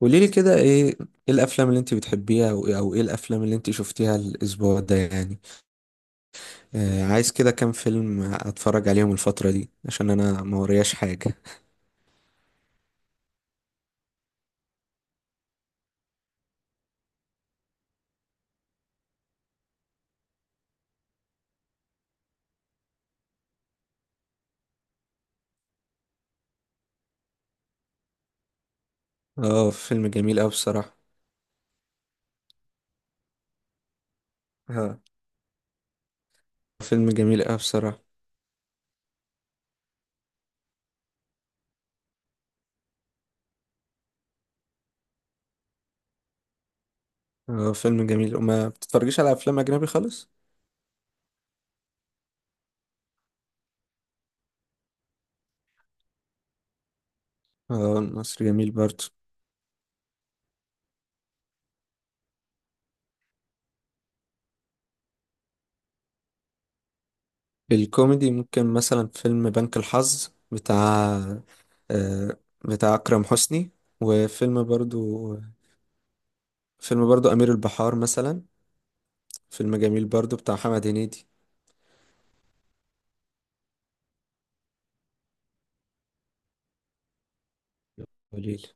قولي لي كده ايه؟ ايه الافلام اللي انت بتحبيها، او ايه الافلام اللي انت شفتيها الاسبوع ده يعني. عايز كده كام فيلم اتفرج عليهم الفترة دي، عشان انا ما ورياش حاجة. اه، فيلم جميل اوي بصراحة. اه، فيلم جميل اوي بصراحة. اه، فيلم جميل. وما بتتفرجيش على افلام اجنبي خالص؟ اه، مصر جميل برضه. الكوميدي، ممكن مثلا فيلم بنك الحظ آه بتاع اكرم حسني. وفيلم برضو امير البحار مثلا، فيلم جميل برضو بتاع محمد هنيدي. قليل.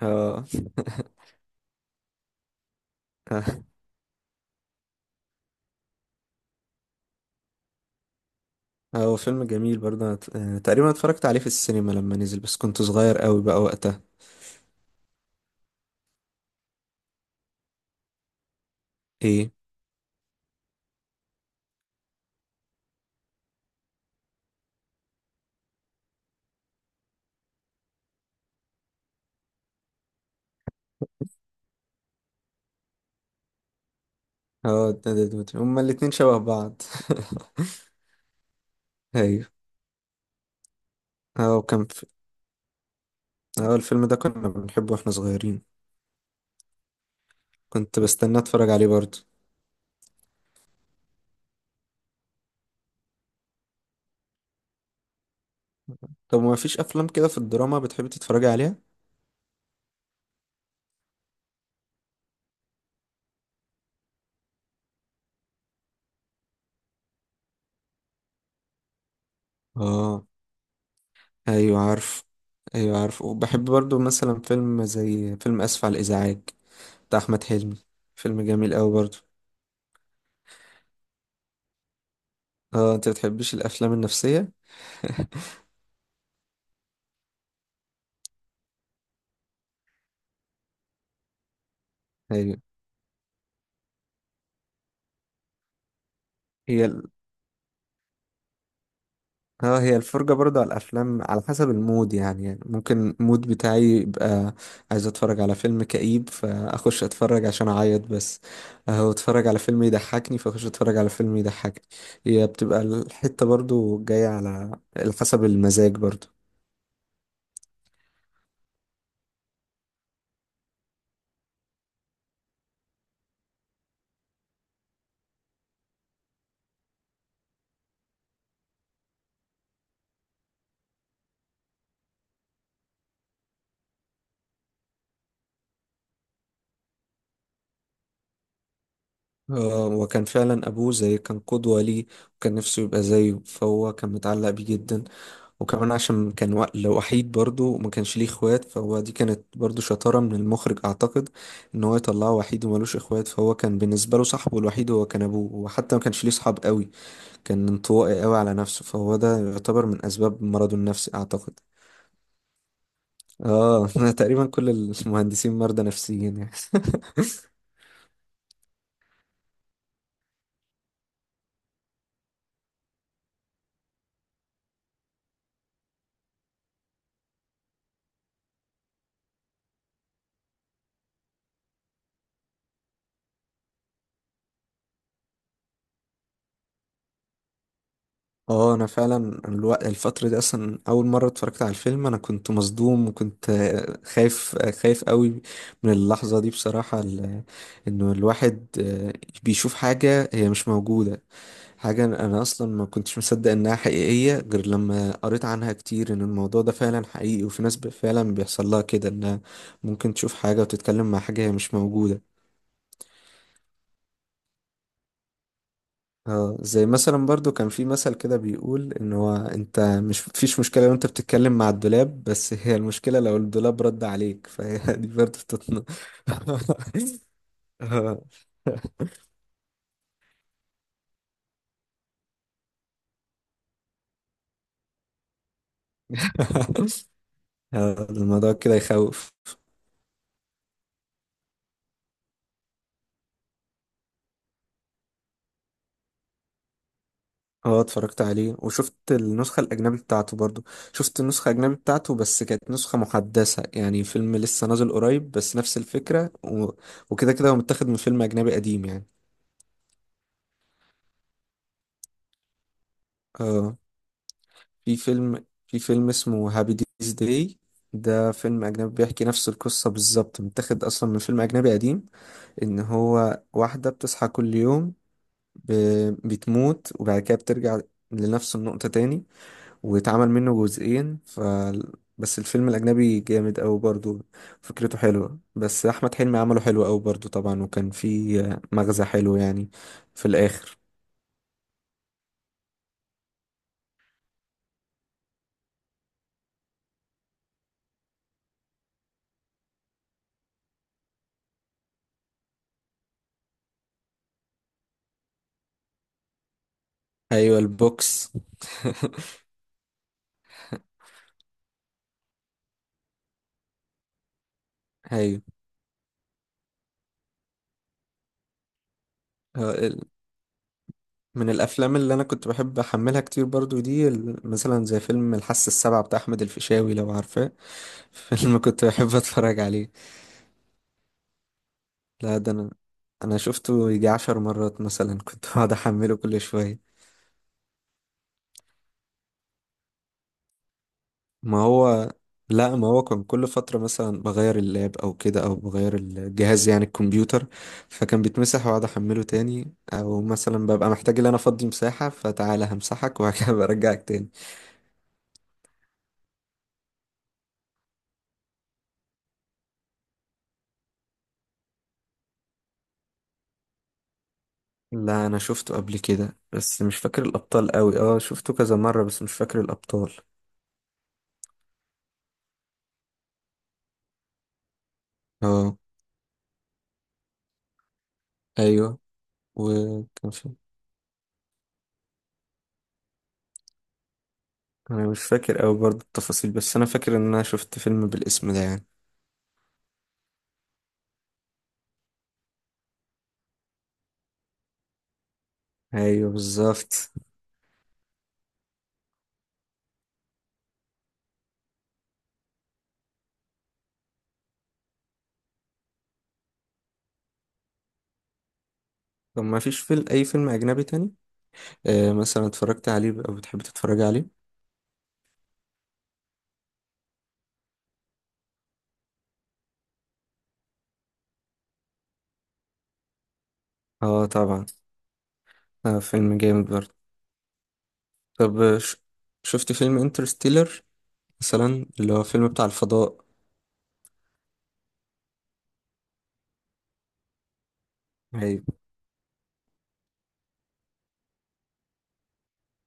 اه. هو فيلم جميل برضه، أنا تقريبا اتفرجت عليه في السينما لما نزل، بس كنت صغير قوي بقى وقتها. ايه؟ اه، هما الاتنين شبه بعض. ايوه. اه، وكان في. اه، الفيلم ده كنا بنحبه واحنا صغيرين. كنت بستنى اتفرج عليه برضه. طب ما فيش افلام كده في الدراما بتحب تتفرج عليها؟ اه. ايوه عارف ايوه عارف وبحب برضه مثلا فيلم زي فيلم اسف على الازعاج بتاع احمد حلمي. فيلم جميل قوي برضه. اه، انت بتحبش الافلام النفسيه؟ هي هي ال... اه، هي الفرجه برضه على الافلام على حسب المود يعني ممكن المود بتاعي يبقى عايز اتفرج على فيلم كئيب فاخش اتفرج عشان اعيط بس، اهو اتفرج على فيلم يضحكني فاخش اتفرج على فيلم يضحكني. هي بتبقى الحته برضه جايه على حسب المزاج برضه. وكان فعلا أبوه زي كان قدوة ليه، وكان نفسه يبقى زيه، فهو كان متعلق بيه جدا. وكمان عشان كان لو وحيد برضه وما كانش ليه اخوات، فهو دي كانت برضه شطارة من المخرج أعتقد، إن هو يطلعه وحيد وملوش اخوات، فهو كان بالنسبة له صاحبه الوحيد هو كان أبوه، وحتى ما كانش ليه صحاب قوي، كان انطوائي قوي على نفسه، فهو ده يعتبر من أسباب مرضه النفسي أعتقد. آه تقريبا كل المهندسين مرضى نفسيين يعني. اه، انا فعلا الوقت الفترة دي اصلا اول مرة اتفرجت على الفيلم انا كنت مصدوم، وكنت خايف قوي من اللحظة دي بصراحة. انه الواحد بيشوف حاجة هي مش موجودة. حاجة انا اصلا ما كنتش مصدق انها حقيقية غير لما قريت عنها كتير، ان الموضوع ده فعلا حقيقي وفي ناس فعلا بيحصل لها كده، انها ممكن تشوف حاجة وتتكلم مع حاجة هي مش موجودة. اه، زي مثلا برضو كان في مثل كده بيقول ان هو، انت مش، فيش مشكلة لو انت بتتكلم مع الدولاب، بس هي المشكلة لو الدولاب رد عليك. فهي دي برضو بتطن. آه. الموضوع كده يخوف. اه، اتفرجت عليه وشفت النسخة الأجنبي بتاعته برضو. شفت النسخة الأجنبي بتاعته، بس كانت نسخة محدثة يعني، فيلم لسه نازل قريب، بس نفس الفكرة. و... وكده كده هو متاخد من فيلم أجنبي قديم يعني. اه، في فيلم اسمه هابي ديز داي. ده فيلم أجنبي بيحكي نفس القصة بالظبط، متاخد أصلا من فيلم أجنبي قديم. إن هو واحدة بتصحى كل يوم، ب... بتموت وبعد كده بترجع لنفس النقطة تاني، واتعمل منه جزئين. ف بس الفيلم الأجنبي جامد أوي برضه، فكرته حلوة، بس أحمد حلمي عمله حلو أوي برضه طبعا. وكان في مغزى حلو يعني في الآخر. أيوة البوكس. أيوة، من الافلام اللي انا كنت بحب احملها كتير برضو دي، مثلا زي فيلم الحاسة السابعة بتاع احمد الفيشاوي، لو عارفاه. فيلم كنت بحب اتفرج عليه. لا، ده انا شفته يجي 10 مرات مثلا. كنت بقعد احمله كل شوية. ما هو. لا، ما هو كان كل فترة مثلا بغير اللاب او كده، او بغير الجهاز يعني الكمبيوتر. فكان بيتمسح واقعد احمله تاني، او مثلا ببقى محتاج ان انا افضي مساحة، فتعالى همسحك وهكذا. برجعك تاني. لا، انا شفته قبل كده بس مش فاكر الابطال قوي. اه، شفته كذا مرة بس مش فاكر الابطال. اه. ايوه، وكان في. انا مش فاكر قوي برضه التفاصيل، بس انا فاكر ان انا شفت فيلم بالاسم ده يعني. ايوه بالظبط. طب ما فيش فيلم، اي فيلم اجنبي تاني مثلا اتفرجت عليه او بتحب تتفرج عليه؟ اه، طبعا. آه، فيلم جامد برضه. طب، شفت فيلم انترستيلر مثلا، اللي هو فيلم بتاع الفضاء؟ ايوه.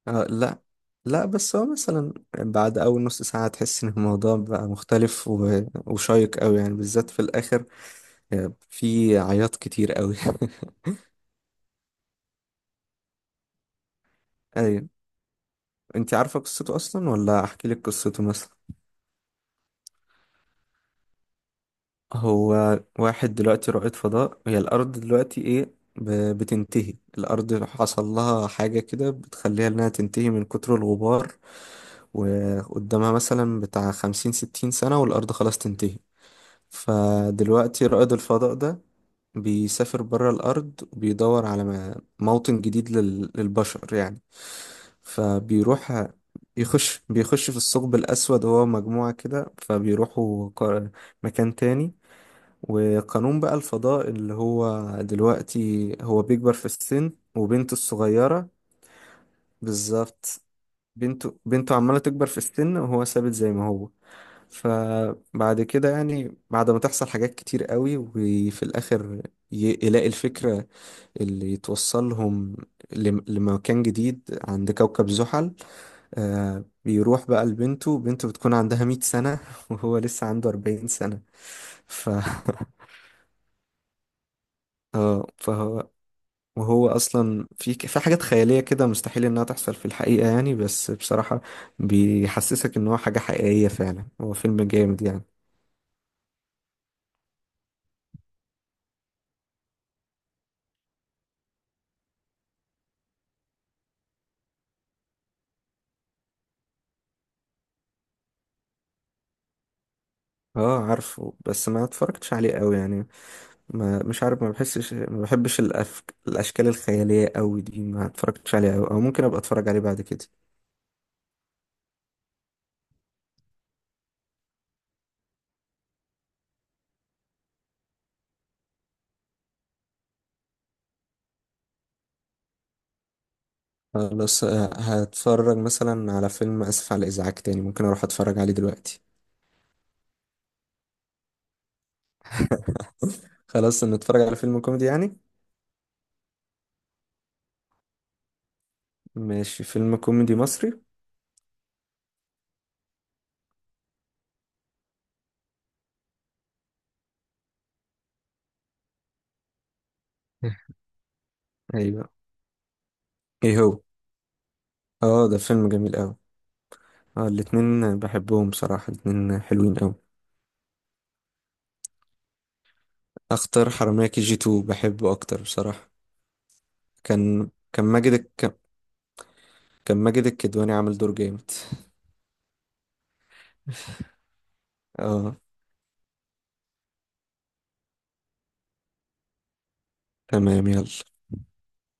لا لا، بس هو مثلا بعد أول نص ساعة تحس إن الموضوع بقى مختلف و... وشيق أوي يعني، بالذات في الآخر. في عياط كتير أوي. أيوة. أنت عارفة قصته أصلا، ولا أحكي لك قصته مثلا؟ هو واحد دلوقتي رائد فضاء، هي الأرض دلوقتي، إيه ب... بتنتهي الأرض، حصل لها حاجة كده بتخليها إنها تنتهي من كتر الغبار، وقدامها مثلا بتاع 50 60 سنة والأرض خلاص تنتهي. فدلوقتي رائد الفضاء ده بيسافر برا الأرض، وبيدور على م- موطن جديد لل- للبشر يعني. فبيروح بيخش في الثقب الأسود، هو مجموعة كده، فبيروحوا مكان تاني. وقانون بقى الفضاء اللي هو دلوقتي، هو بيكبر في السن وبنته الصغيرة. بالظبط. بنته عمالة تكبر في السن وهو ثابت زي ما هو. فبعد كده يعني بعد ما تحصل حاجات كتير قوي وفي الآخر يلاقي الفكرة اللي يتوصلهم لمكان جديد عند كوكب زحل. بيروح بقى لبنته، بنته بتكون عندها 100 سنة وهو لسه عنده 40 سنة. ف اه، وهو اصلا في حاجات خيالية كده مستحيل انها تحصل في الحقيقة يعني، بس بصراحة بيحسسك ان هو حاجة حقيقية فعلا، هو فيلم جامد يعني. اه، عارفه بس ما اتفرجتش عليه قوي يعني، ما مش عارف، ما بحسش ما بحبش الاشكال الخياليه قوي دي ما اتفرجتش عليها قوي، او ممكن ابقى اتفرج عليه بعد كده. خلاص، هتفرج مثلا على فيلم اسف على الازعاج تاني، ممكن اروح اتفرج عليه دلوقتي. خلاص نتفرج على فيلم كوميدي يعني. ماشي، فيلم كوميدي مصري. ايوه. ايه هو؟ اه، ده فيلم جميل قوي. اه، الاتنين بحبهم بصراحه، الاتنين حلوين قوي. اختار حرامية كي جي 2، بحبه اكتر بصراحه. كان كان ماجد الك... كان ماجد الكدواني عامل دور جامد. اه. تمام يلا.